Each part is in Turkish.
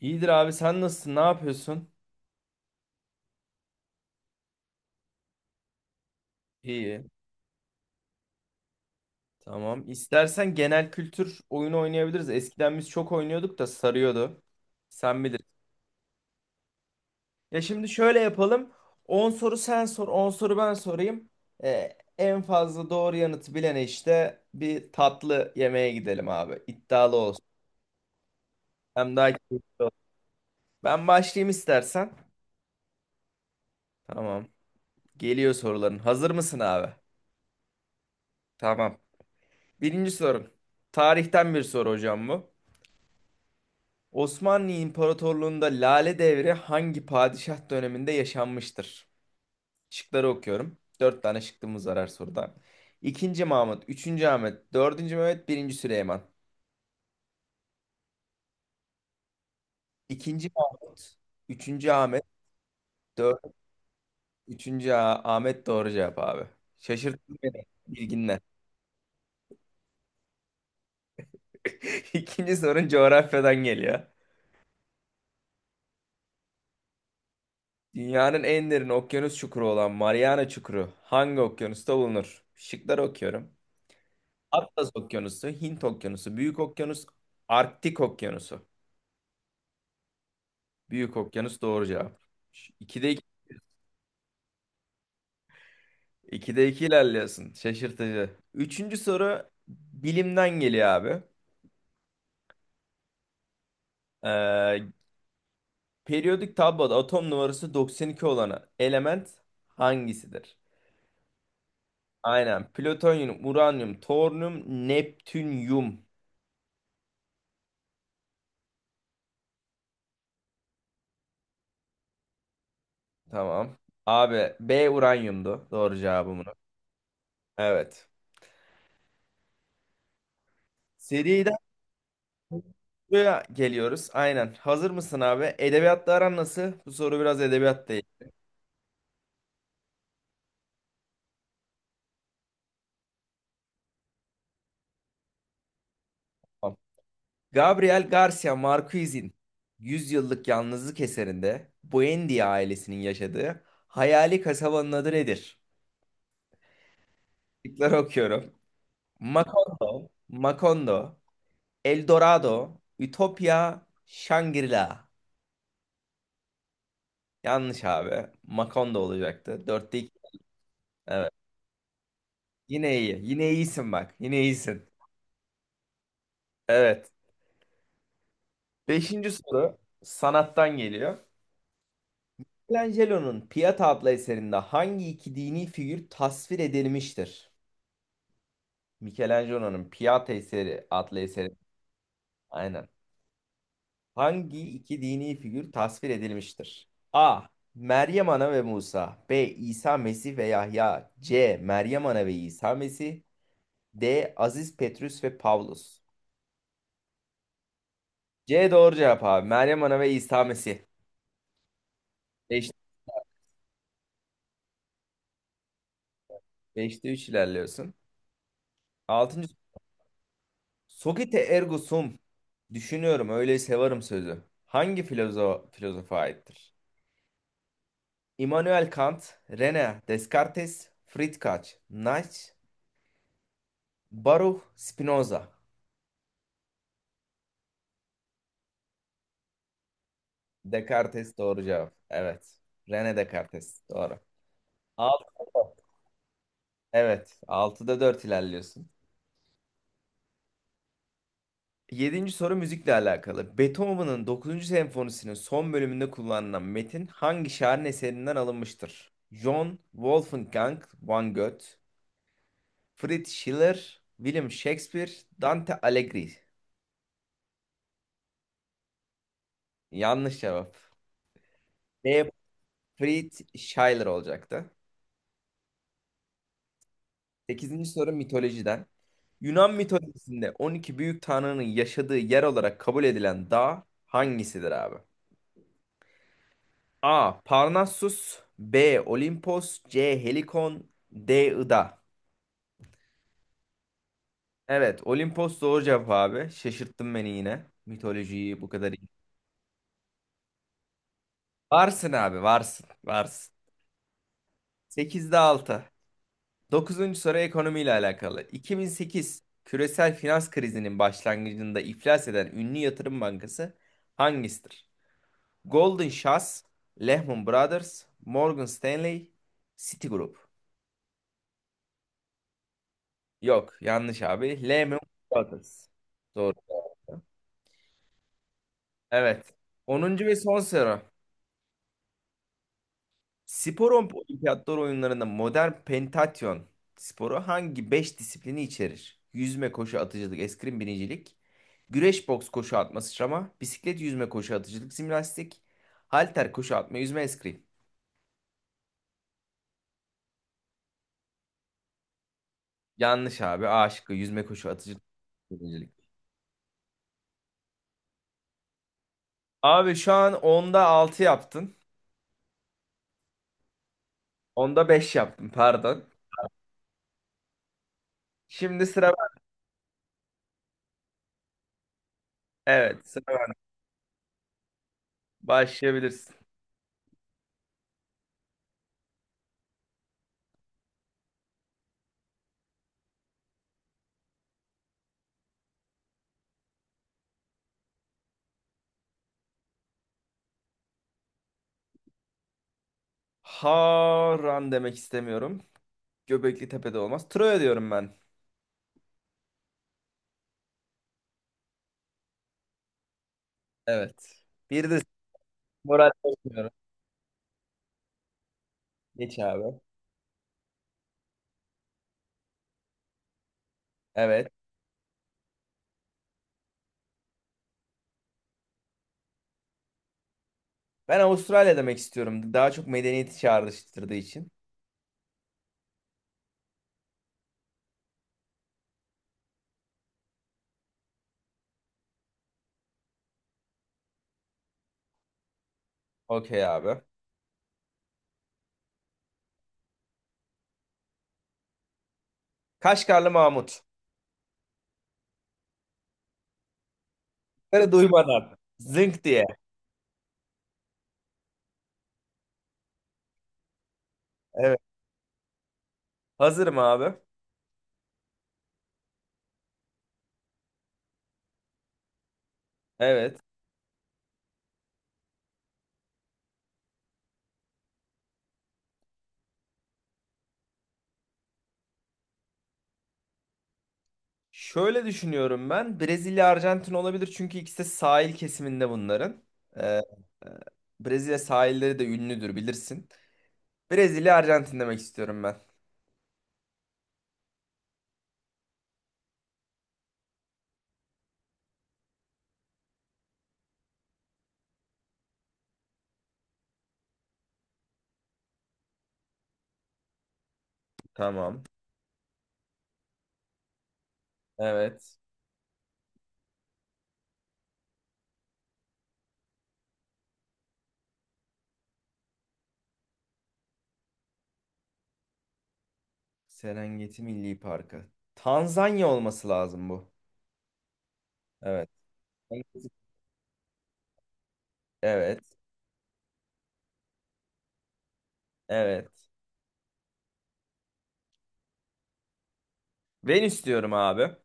İyidir abi sen nasılsın? Ne yapıyorsun? İyi. Tamam. İstersen genel kültür oyunu oynayabiliriz. Eskiden biz çok oynuyorduk da sarıyordu. Sen bilir. Ya şimdi şöyle yapalım. 10 soru sen sor, 10 soru ben sorayım. En fazla doğru yanıtı bilene işte bir tatlı yemeğe gidelim abi. İddialı olsun. Hem daha keyif- Ben başlayayım istersen. Tamam. Geliyor soruların. Hazır mısın abi? Tamam. Birinci sorun. Tarihten bir soru hocam bu. Osmanlı İmparatorluğu'nda Lale Devri hangi padişah döneminde yaşanmıştır? Şıkları okuyorum. Dört tane şıkkımız var her soruda. İkinci Mahmut, üçüncü Ahmet, dördüncü Mehmet, birinci Süleyman. İkinci Mahmut, üçüncü Ahmet, dört, üçüncü Ahmet doğru cevap abi. Şaşırttın beni bilginle. İkinci sorun coğrafyadan geliyor. Dünyanın en derin okyanus çukuru olan Mariana Çukuru hangi okyanusta bulunur? Şıkları okuyorum. Atlas Okyanusu, Hint Okyanusu, Büyük Okyanus, Arktik Okyanusu. Büyük Okyanus doğru cevap. Ş- İkide iki, ikide iki ilerliyorsun. Şaşırtıcı. Üçüncü soru bilimden geliyor abi. Ee, periyodik tabloda atom numarası 92 olan element hangisidir? Aynen. Plütonyum, uranyum, toryum, neptünyum. Tamam. Abi B uranyumdu. Doğru cevabım bunu. Evet. Seri Buraya geliyoruz. Aynen. Hazır mısın abi? Edebiyatla aran nasıl? Bu soru biraz edebiyat değil. Tamam. Gabriel Garcia Marquez'in 100 yıllık yalnızlık eserinde Buendia ailesinin yaşadığı hayali kasabanın adı nedir? Şıkları okuyorum. Macondo, El Dorado, Ütopya, Shangri-La. Yanlış abi. Macondo olacaktı. Dörtte iki. Evet. Yine iyi. Yine iyisin bak. Yine iyisin. Evet. Beşinci soru sanattan geliyor. Michelangelo'nun Pieta adlı eserinde hangi iki dini figür tasvir edilmiştir? Michelangelo'nun Pieta eseri adlı eseri. Aynen. Hangi iki dini figür tasvir edilmiştir? A. Meryem Ana ve Musa. B. İsa Mesih ve Yahya. C. Meryem Ana ve İsa Mesih. D. Aziz Petrus ve Pavlus. C doğru cevap abi. Meryem Ana ve İsa Mesih. Beşte 3 ilerliyorsun. Altıncı. Sokite ergo sum. Düşünüyorum öyleyse varım sözü. Hangi filozofa aittir? Immanuel Kant, René Descartes, Friedrich Nietzsche, Baruch Spinoza. Descartes doğru cevap. Evet. René Descartes doğru. Altı. Evet. Altıda 4 ilerliyorsun. Yedinci soru müzikle alakalı. Beethoven'ın dokuzuncu senfonisinin son bölümünde kullanılan metin hangi şairin eserinden alınmıştır? John Wolfgang van Goethe, Fritz Schiller, William Shakespeare, Dante Alighieri. Yanlış cevap. B. Fritz Schiller olacaktı. Sekizinci soru mitolojiden. Yunan mitolojisinde 12 büyük tanrının yaşadığı yer olarak kabul edilen dağ hangisidir abi? A. Parnassus. B. Olimpos. C. Helikon. D. Ida. Evet, Olimpos doğru cevap abi. Şaşırttın beni yine. Mitolojiyi bu kadar iyi. Varsın abi varsın. Varsın. Sekizde 6. Dokuzuncu soru ekonomiyle alakalı. 2008 küresel finans krizinin başlangıcında iflas eden ünlü yatırım bankası hangisidir? Goldman Sachs, Lehman Brothers, Morgan Stanley, Citigroup. Yok, yanlış abi. Lehman Brothers. Doğru. Evet. Onuncu ve son soru. Spor olimpiyatlar oyunlarında modern pentatyon sporu hangi 5 disiplini içerir? Yüzme, koşu, atıcılık, eskrim, binicilik, güreş, boks, koşu atma, sıçrama, bisiklet, yüzme, koşu, atıcılık, jimnastik, halter, koşu atma, yüzme, eskrim. Yanlış abi. A şıkkı yüzme, koşu, atıcılık, binicilik. Abi şu an onda 6 yaptın. Onda 5 yaptın, pardon. Şimdi sıra ben. Evet, sıra ben. Başlayabilirsin. Haran demek istemiyorum. Göbekli Tepe'de olmaz. Troya diyorum ben. Evet. Bir de moral bozmuyorum. Geç abi. Evet. Ben Avustralya demek istiyorum. Daha çok medeniyeti çağrıştırdığı için. Okey abi. Kaşgarlı Mahmut. Bunları duymadan. Zınk diye. Evet. Hazırım abi. Evet. Şöyle düşünüyorum ben. Brezilya, Arjantin olabilir. Çünkü ikisi de sahil kesiminde bunların. Ee, Brezilya sahilleri de ünlüdür bilirsin. Brezilya, Arjantin demek istiyorum ben. Tamam. Evet. Serengeti Milli Parkı. Tanzanya olması lazım bu. Evet. Evet. Evet. Ben istiyorum abi.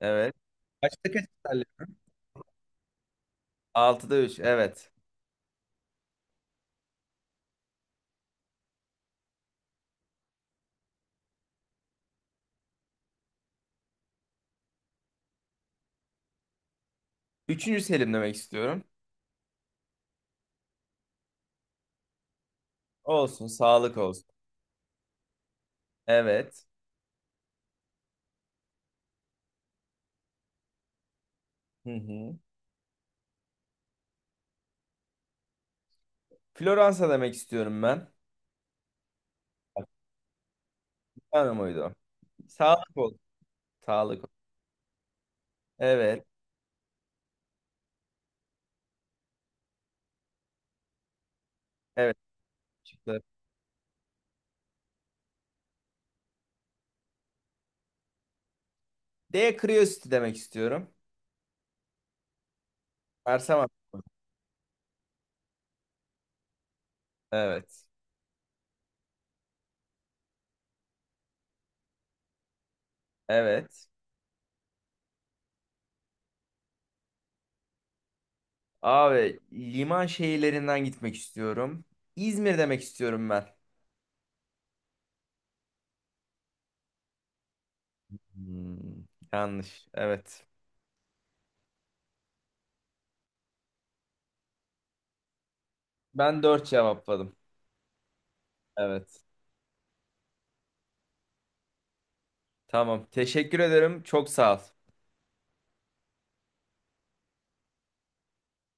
Evet. Kaçta kaç isterler? Altıda 3. Evet. Üçüncü Selim demek istiyorum. Olsun. Sağlık olsun. Evet. Hı hı. Floransa demek istiyorum ben. Tanrı mıydı? Sağlık olsun. Sağlık olsun. Evet. Evet. D. Curiosity demek istiyorum. Ersamam. Evet. Evet. Abi liman şehirlerinden gitmek istiyorum. İzmir demek istiyorum ben. Hmm, yanlış. Evet. Ben 4 cevapladım. Evet. Tamam. Teşekkür ederim. Çok sağ ol.